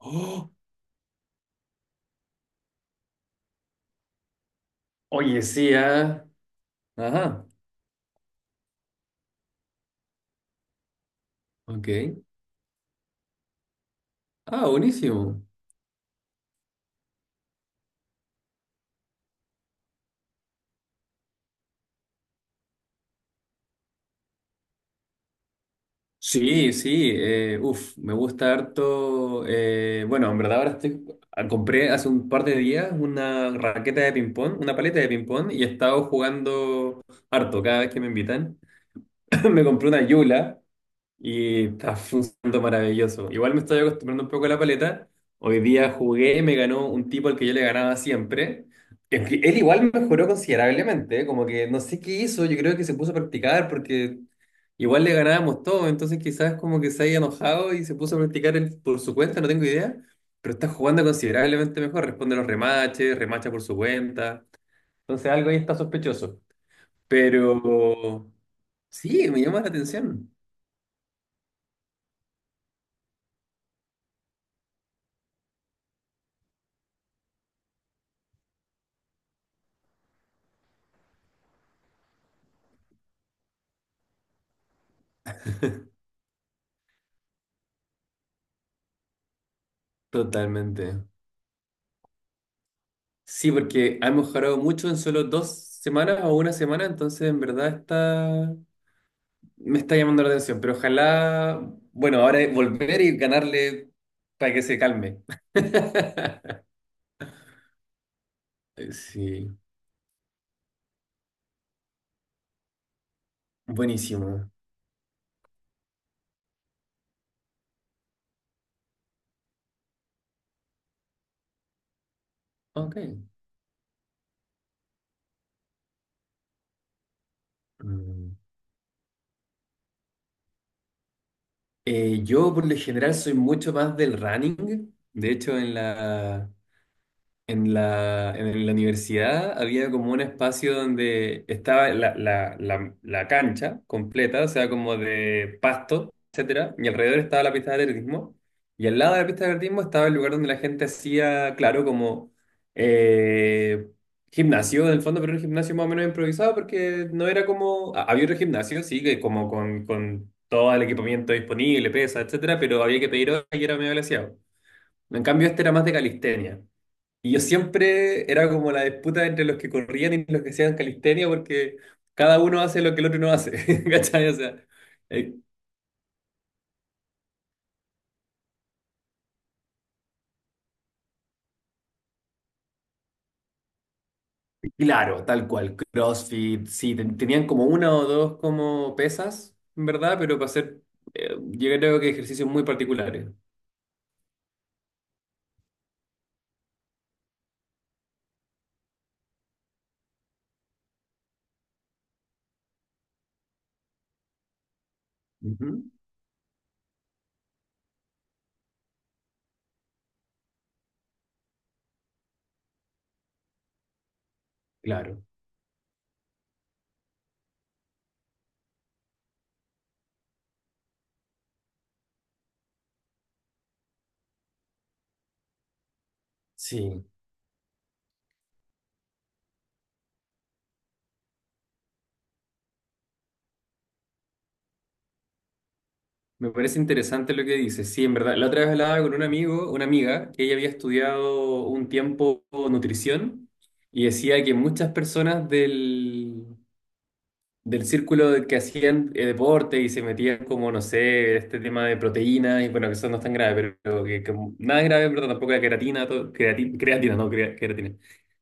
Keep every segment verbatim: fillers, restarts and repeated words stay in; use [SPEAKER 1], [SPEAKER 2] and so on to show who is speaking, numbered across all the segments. [SPEAKER 1] Oh, oye, sí, ah. Ajá, ok. Ah, buenísimo. Sí, sí, eh, uf, me gusta harto. Eh, bueno, en verdad ahora estoy, ah, compré hace un par de días una raqueta de ping-pong, una paleta de ping-pong, y he estado jugando harto cada vez que me invitan. Me compré una Yula. Y está funcionando maravilloso. Igual me estoy acostumbrando un poco a la paleta. Hoy día jugué, me ganó un tipo al que yo le ganaba siempre. Es que él igual mejoró considerablemente, ¿eh? Como que no sé qué hizo, yo creo que se puso a practicar porque igual le ganábamos todo, entonces quizás como que se haya enojado y se puso a practicar él por su cuenta, no tengo idea, pero está jugando considerablemente mejor, responde los remaches, remacha por su cuenta, entonces algo ahí está sospechoso, pero sí, me llama la atención. Totalmente. Sí, porque ha mejorado mucho en solo dos semanas o una semana, entonces en verdad está, me está llamando la atención, pero ojalá, bueno, ahora es volver y ganarle para que se calme. Sí, buenísimo. Ok. Mm. Eh, yo por lo general soy mucho más del running, de hecho en la, en la, en la universidad había como un espacio donde estaba la, la- la- la cancha completa, o sea, como de pasto, etcétera, y alrededor estaba la pista de atletismo, y al lado de la pista de atletismo estaba el lugar donde la gente hacía, claro, como eh, gimnasio, en el fondo, pero era un gimnasio más o menos improvisado, porque no era como, ha- había otro gimnasio, sí, que como con, con todo el equipamiento disponible, pesa, etcétera, pero había que pedir hora y era medio glaciado. En cambio, este era más de calistenia. Y yo siempre era como la disputa entre los que corrían y los que hacían calistenia, porque cada uno hace lo que el otro no hace, ¿cachai? O sea, eh, claro, tal cual, CrossFit, sí, ten- tenían como una o dos como pesas, en verdad, pero para hacer, eh, yo creo que ejercicios muy particulares. Ujú, claro, sí. Me parece interesante lo que dices. Sí, en verdad. La otra vez hablaba con un amigo, una amiga, que ella había estudiado un tiempo nutrición y decía que muchas personas del, del círculo de que hacían eh, deporte y se metían como, no sé, este tema de proteínas, y bueno, que eso no es tan grave, pero que, que nada grave, pero tampoco la creatina, todo- creati- creatina, no, crea- creatina.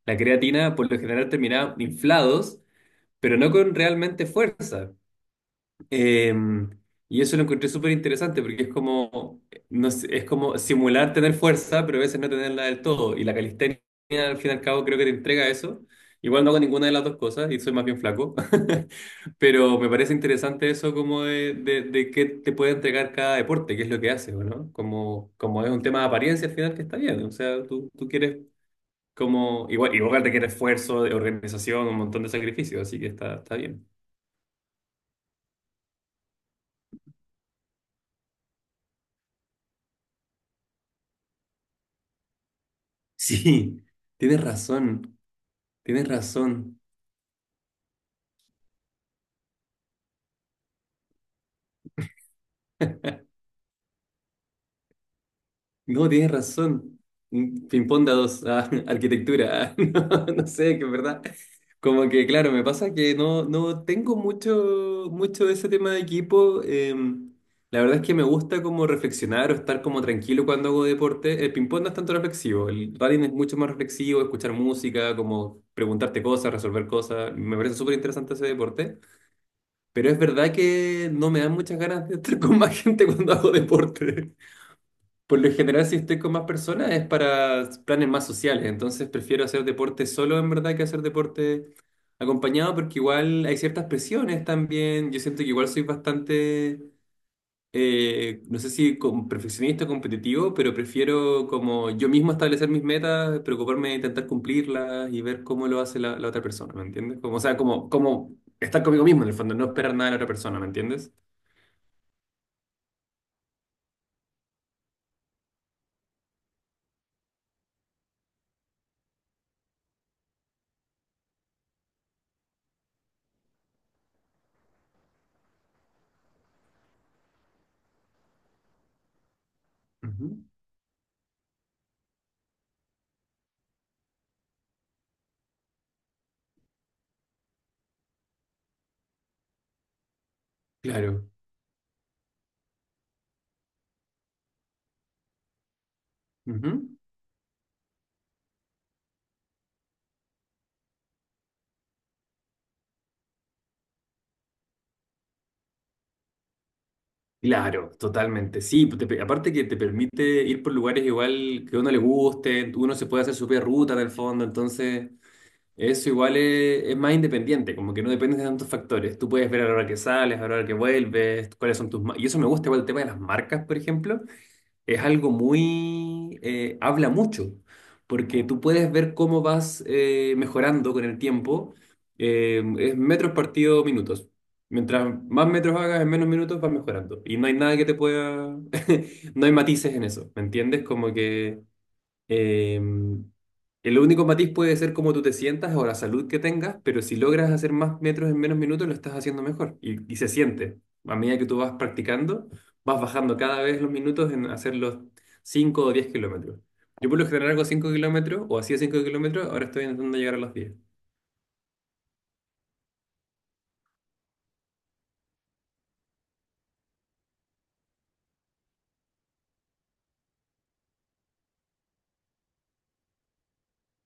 [SPEAKER 1] La creatina por lo general terminaba inflados, pero no con realmente fuerza. Eh, y eso lo encontré súper interesante porque es como, no sé, es como simular tener fuerza, pero a veces no tenerla del todo. Y la calistenia, al fin y al cabo, creo que te entrega eso. Igual no hago ninguna de las dos cosas y soy más bien flaco. Pero me parece interesante eso como de, de, de qué te puede entregar cada deporte, qué es lo que haces, ¿o ¿no? Como, como es un tema de apariencia al final que está bien. O sea, tú, tú quieres como, igual, igual requiere esfuerzo, de organización, un montón de sacrificios, así que está, está bien. Sí, tienes razón. Tienes razón. No, tienes razón. Mm, ping-pong de a dos, ah, arquitectura. Ah, no, no sé, que es verdad. Como que, claro, me pasa que no, no tengo mucho, mucho de ese tema de equipo. Eh, la verdad es que me gusta como reflexionar o estar como tranquilo cuando hago deporte. El ping-pong no es tanto reflexivo. El running es mucho más reflexivo, escuchar música, como preguntarte cosas, resolver cosas. Me parece súper interesante ese deporte. Pero es verdad que no me dan muchas ganas de estar con más gente cuando hago deporte. Por lo general, si estoy con más personas es para planes más sociales, entonces prefiero hacer deporte solo en verdad que hacer deporte acompañado porque igual hay ciertas presiones también. Yo siento que igual soy bastante, eh, no sé si con perfeccionista o competitivo, pero prefiero como yo mismo establecer mis metas, preocuparme de intentar cumplirlas y ver cómo lo hace la, la otra persona, ¿me entiendes? Como, o sea, como, como estar conmigo mismo en el fondo, no esperar nada de la otra persona, ¿me entiendes? Ujú. Claro. Ujú. Claro, totalmente. Sí, pues, te pe- aparte que te permite ir por lugares igual que a uno le guste, uno se puede hacer su propia ruta en el fondo, entonces eso igual es, es más independiente, como que no depende de tantos factores. Tú puedes ver a la hora que sales, a la hora que vuelves, cuáles son tus... ma- Y eso me gusta igual el tema de las marcas, por ejemplo, es algo muy... eh, habla mucho, porque tú puedes ver cómo vas eh, mejorando con el tiempo. Eh, es metros partido minutos. Mientras más metros hagas en menos minutos vas mejorando. Y no hay nada que te pueda... no hay matices en eso, ¿me entiendes? Como que Em, el único matiz puede ser cómo tú te sientas o la salud que tengas, pero si logras hacer más metros en menos minutos, lo estás haciendo mejor y, y se siente. A medida que tú vas practicando, vas bajando cada vez los minutos en hacer los cinco o diez kilómetros. Yo por lo general hago cinco kilómetros o hacía cinco kilómetros, ahora estoy intentando llegar a los diez.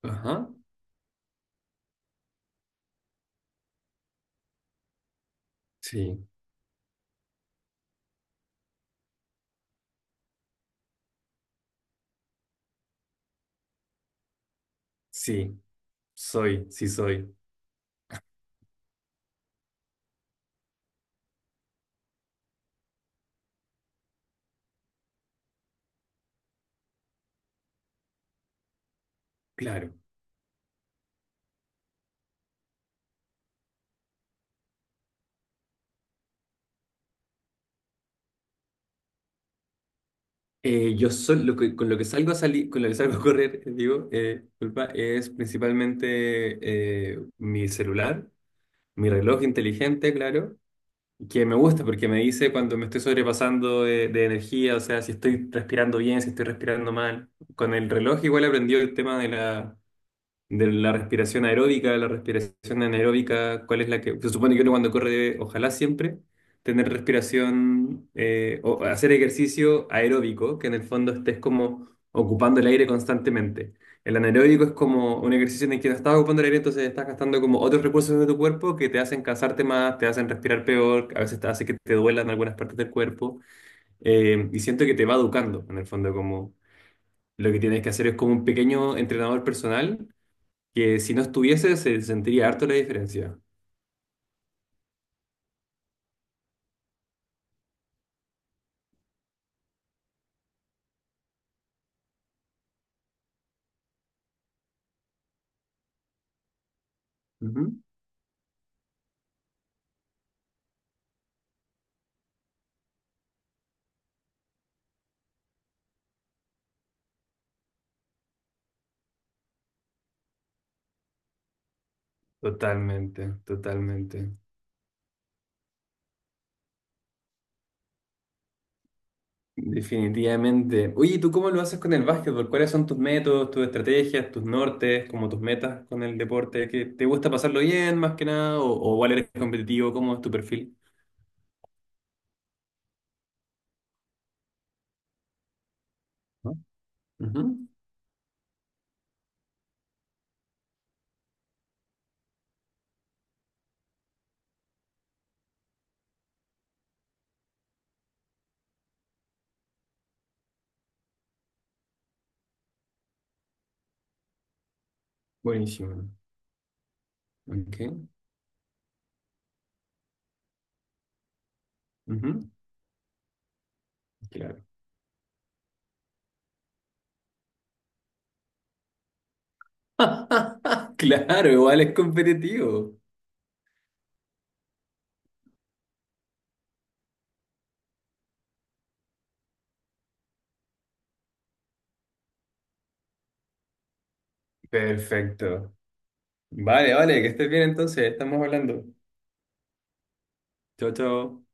[SPEAKER 1] Ajá. Sí, sí, soy, sí soy. Claro. Eh, yo sol- lo que- con lo que salgo a salir, con lo que salgo a correr, eh, digo, eh, disculpa, es principalmente eh, mi celular, mi reloj inteligente, claro, que me gusta porque me dice cuando me estoy sobrepasando de, de energía, o sea, si estoy respirando bien, si estoy respirando mal. Con el reloj igual aprendió el tema de la, de la respiración aeróbica, de la respiración anaeróbica, cuál es la que se supone que uno cuando corre debe, ojalá siempre, tener respiración eh, o hacer ejercicio aeróbico, que en el fondo estés como ocupando el aire constantemente. El anaeróbico es como un ejercicio en el que no estás ocupando el aire, entonces estás gastando como otros recursos de tu cuerpo que te hacen cansarte más, te hacen respirar peor, a veces te hace que te duelan algunas partes del cuerpo. Eh, y siento que te va educando, en el fondo, como lo que tienes que hacer es como un pequeño entrenador personal que si no estuviese se sentiría harto la diferencia. Ujú. Totalmente, totalmente. Definitivamente. Oye, ¿y ¿tú cómo lo haces con el básquetbol? ¿Cuáles son tus métodos, tus estrategias, tus nortes, como tus metas con el deporte? ¿Que te gusta pasarlo bien más que nada? ¿O, o igual eres competitivo? ¿Cómo es tu perfil? ¿No? Ujú. Buenísimo. Ok. Ujú. Claro. Claro, igual es competitivo. Perfecto. Vale, vale, que estés bien entonces, estamos hablando. Chao, chao.